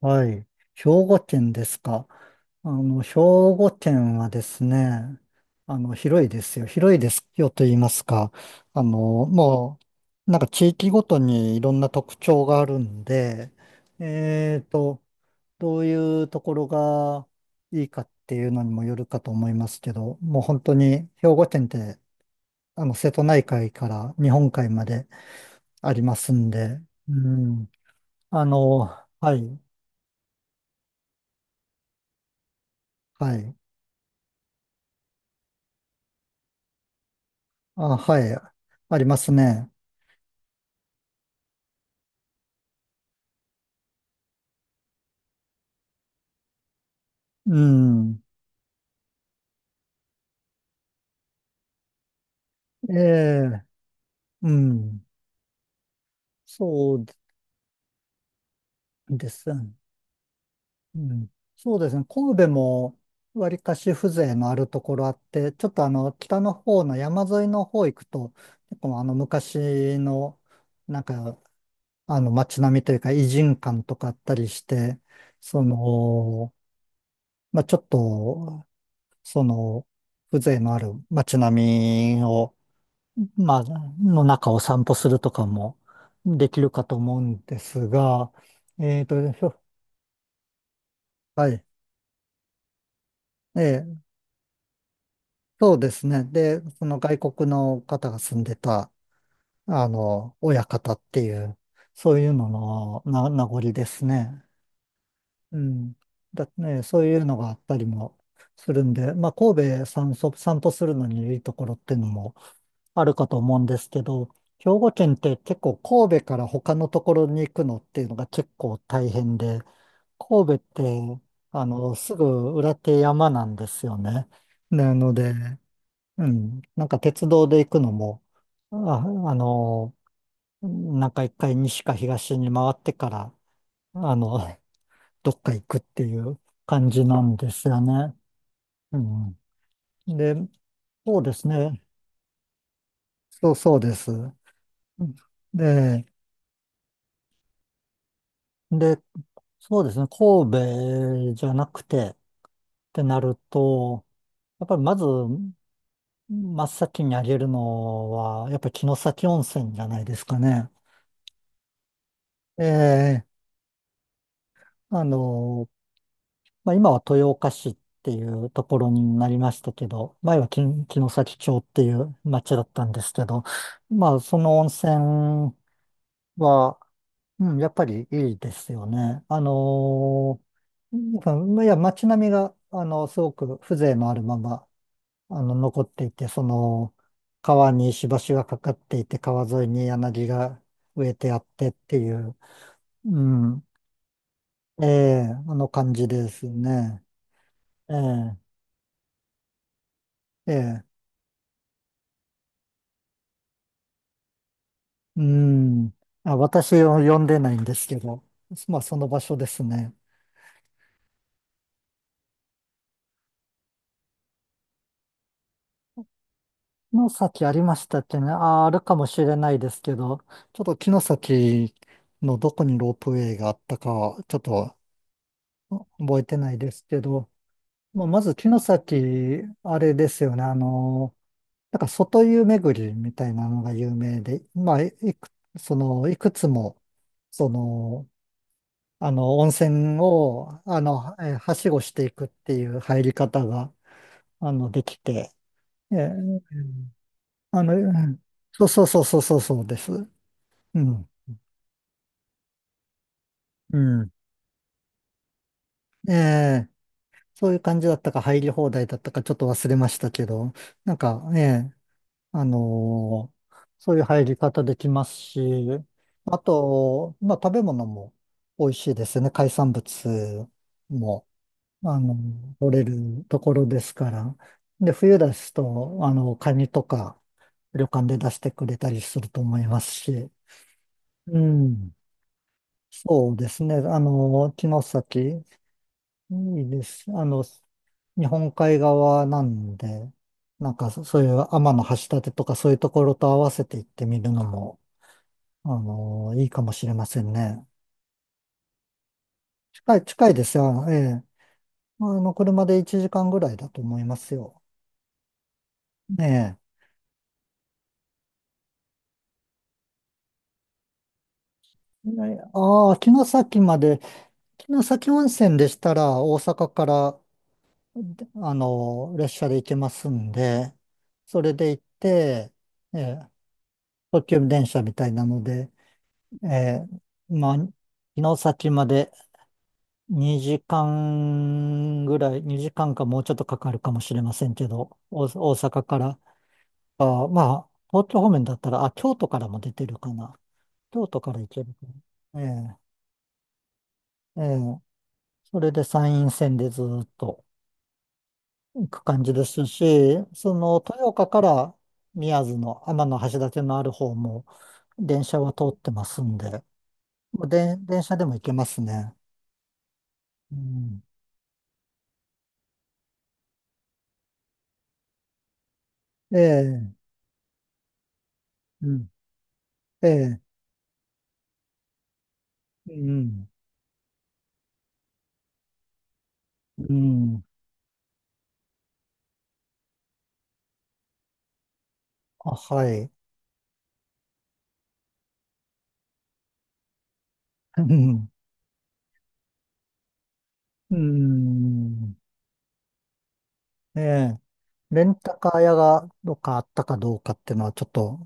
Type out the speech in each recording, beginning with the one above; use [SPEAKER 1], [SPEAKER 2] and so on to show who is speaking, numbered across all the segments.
[SPEAKER 1] はい。兵庫県ですか。兵庫県はですね、広いですよ。広いですよと言いますか。あの、もなんか地域ごとにいろんな特徴があるんで、えーと、どういうところがいいかっていうのにもよるかと思いますけど、もう本当に兵庫県って、瀬戸内海から日本海までありますんで、うん、あの、はい、はい。あ、はい。ありますね。うん。ええ、うん。そうですね。うん。そうですね。神戸も、わりかし風情のあるところあって、ちょっと北の方の山沿いの方行くと、結構昔の、なんか、街並みというか、異人館とかあったりして、その、まあ、ちょっと、その、風情のある街並みを、まあ、の中を散歩するとかもできるかと思うんですが、えっと、ひょはい。ええ、そうですね。で、その外国の方が住んでた、親方っていう、そういうののな名残ですね。うん。だね、そういうのがあったりもするんで、まあ、神戸散歩、散歩するのにいいところっていうのもあるかと思うんですけど、兵庫県って結構神戸から他のところに行くのっていうのが結構大変で、神戸って、すぐ裏手山なんですよね。なので、うん、なんか鉄道で行くのも、あ、あの、なんか一回西か東に回ってから、あの、どっか行くっていう感じなんですよね。うん。で、そうですね。そうそうです。で、で、そうですね。神戸じゃなくてってなると、やっぱりまず真っ先に挙げるのは、やっぱり城崎温泉じゃないですかね。ええ、あの、まあ、今は豊岡市っていうところになりましたけど、前は城城崎町っていう町だったんですけど、まあ、その温泉は、うん、やっぱりいいですよね。やっぱいや、街並みが、すごく風情のあるまま、残っていて、川に石橋がかかっていて、川沿いに柳が植えてあってっていう、うん、ええ、あの感じですね。ええ、ええ、うん。あ、私を呼んでないんですけど、まあその場所ですね。城崎ありましたっけね。あ、あるかもしれないですけど、ちょっと城崎のどこにロープウェイがあったかは、ちょっと覚えてないですけど、まあ、まず城崎、あれですよね。なんか外湯巡りみたいなのが有名で、いくつも、その、温泉を、はしごしていくっていう入り方が、できて、えーあの、うんそうそうそうそうそうそうです。うん。うん。ええ、そういう感じだったか入り放題だったかちょっと忘れましたけど、なんか、ええ、あのーそういう入り方できますし、あと、まあ食べ物も美味しいですよね。海産物も、あの、取れるところですから。で、冬ですと、カニとか旅館で出してくれたりすると思いますし、うん。そうですね。城崎、いいです。日本海側なんで、なんかそういう天橋立とかそういうところと合わせて行ってみるのも、いいかもしれませんね。近い、近いですよ。ええ。車で1時間ぐらいだと思いますよ。ええ。ああー、城崎まで、城崎温泉でしたら大阪からであの、列車で行けますんで、それで行って、えー特急電車みたいなので、えまあ、城崎まで2時間ぐらい、2時間かもうちょっとかかるかもしれませんけど、大阪から、あー、まあ、東京方面だったら、あ、京都からも出てるかな。京都から行けるかな。ーえーそれで山陰線でずーっと。く感じですし、その豊岡から宮津の天橋立のある方も電車は通ってますんで、もうで電車でも行けますね。うん、ええ、うん、ええ、うん、うん、あ、はい。うん、うん、ええ、レンタカー屋がどっかあったかどうかっていうのはちょっと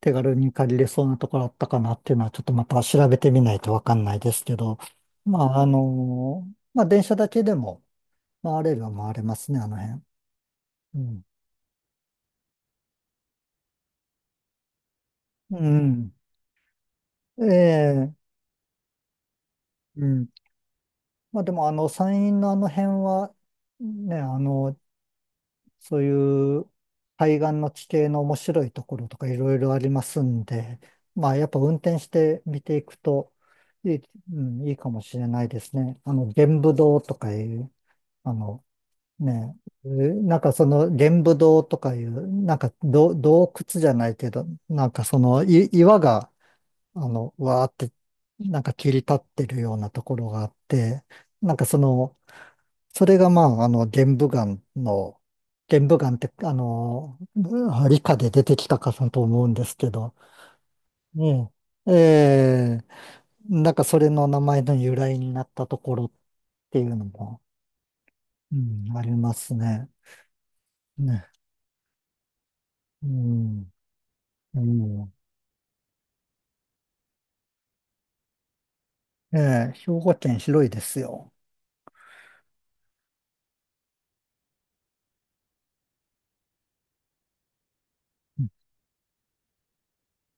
[SPEAKER 1] 手軽に借りれそうなところあったかなっていうのは、ちょっとまた調べてみないとわかんないですけど、まあ、まあ、電車だけでも回れるは回れますね、あの辺。うん。うん。ええ、うん。まあ、でも、山陰のあの辺は、ね、そういう海岸の地形の面白いところとかいろいろありますんで、まあ、やっぱ運転して見ていくといい、うん、いいかもしれないですね。玄武洞とかいう、あの、ねえ、なんかその玄武洞とかいう、洞窟じゃないけど、なんかそのい岩が、わーって、なんか切り立ってるようなところがあって、なんかその、それがまあ、玄武岩の、玄武岩って、理科で出てきたかと思うんですけど、ねえーなんかそれの名前の由来になったところっていうのも、うん、ありますね。ね。うん、うん。ええ、兵庫県広いですよ。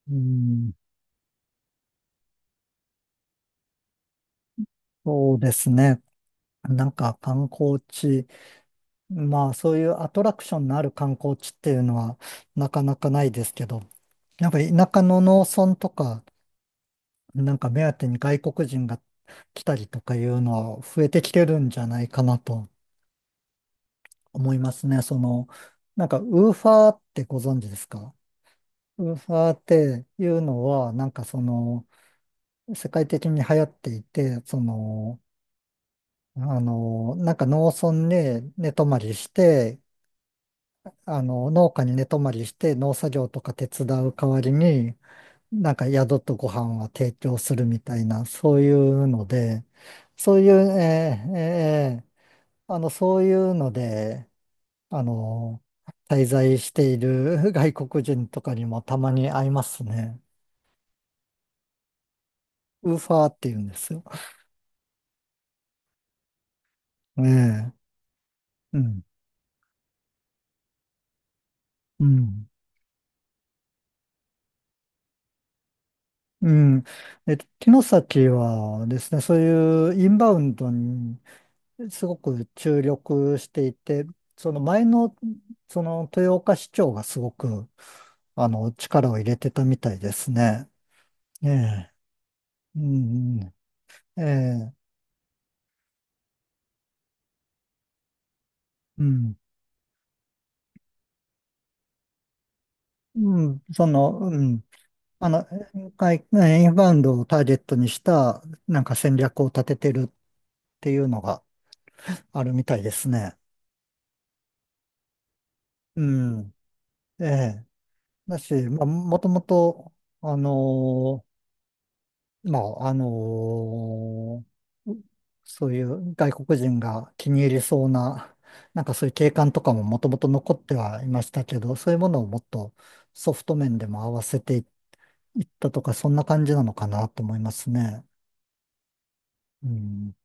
[SPEAKER 1] うん、そうですね。なんか観光地、まあそういうアトラクションのある観光地っていうのはなかなかないですけど、なんか田舎の農村とか、なんか目当てに外国人が来たりとかいうのは増えてきてるんじゃないかなと思いますね。その、なんかウーファーってご存知ですか？ウーファーっていうのは、なんかその、世界的に流行っていて、その、なんか農村で寝泊まりして、農家に寝泊まりして農作業とか手伝う代わりに、なんか宿とご飯は提供するみたいな、そういうので、そういう、えーえーそういうので、あの、滞在している 外国人とかにもたまに会いますね。ウーファーって言うんですよ。ええ、うん。うん。うん。えっと、城崎はですね、そういうインバウンドにすごく注力していて、その前の、その豊岡市長がすごく、力を入れてたみたいですね。ええ。うん、うん。ええ。うん。うん。その、うん。あの、外インバウンドをターゲットにした、なんか戦略を立ててるっていうのがあるみたいですね。うん。ええ。だし、まあ、もともと、あのまあ、ーそういう外国人が気に入りそうな、なんかそういう景観とかももともと残ってはいましたけど、そういうものをもっとソフト面でも合わせていったとか、そんな感じなのかなと思いますね。うん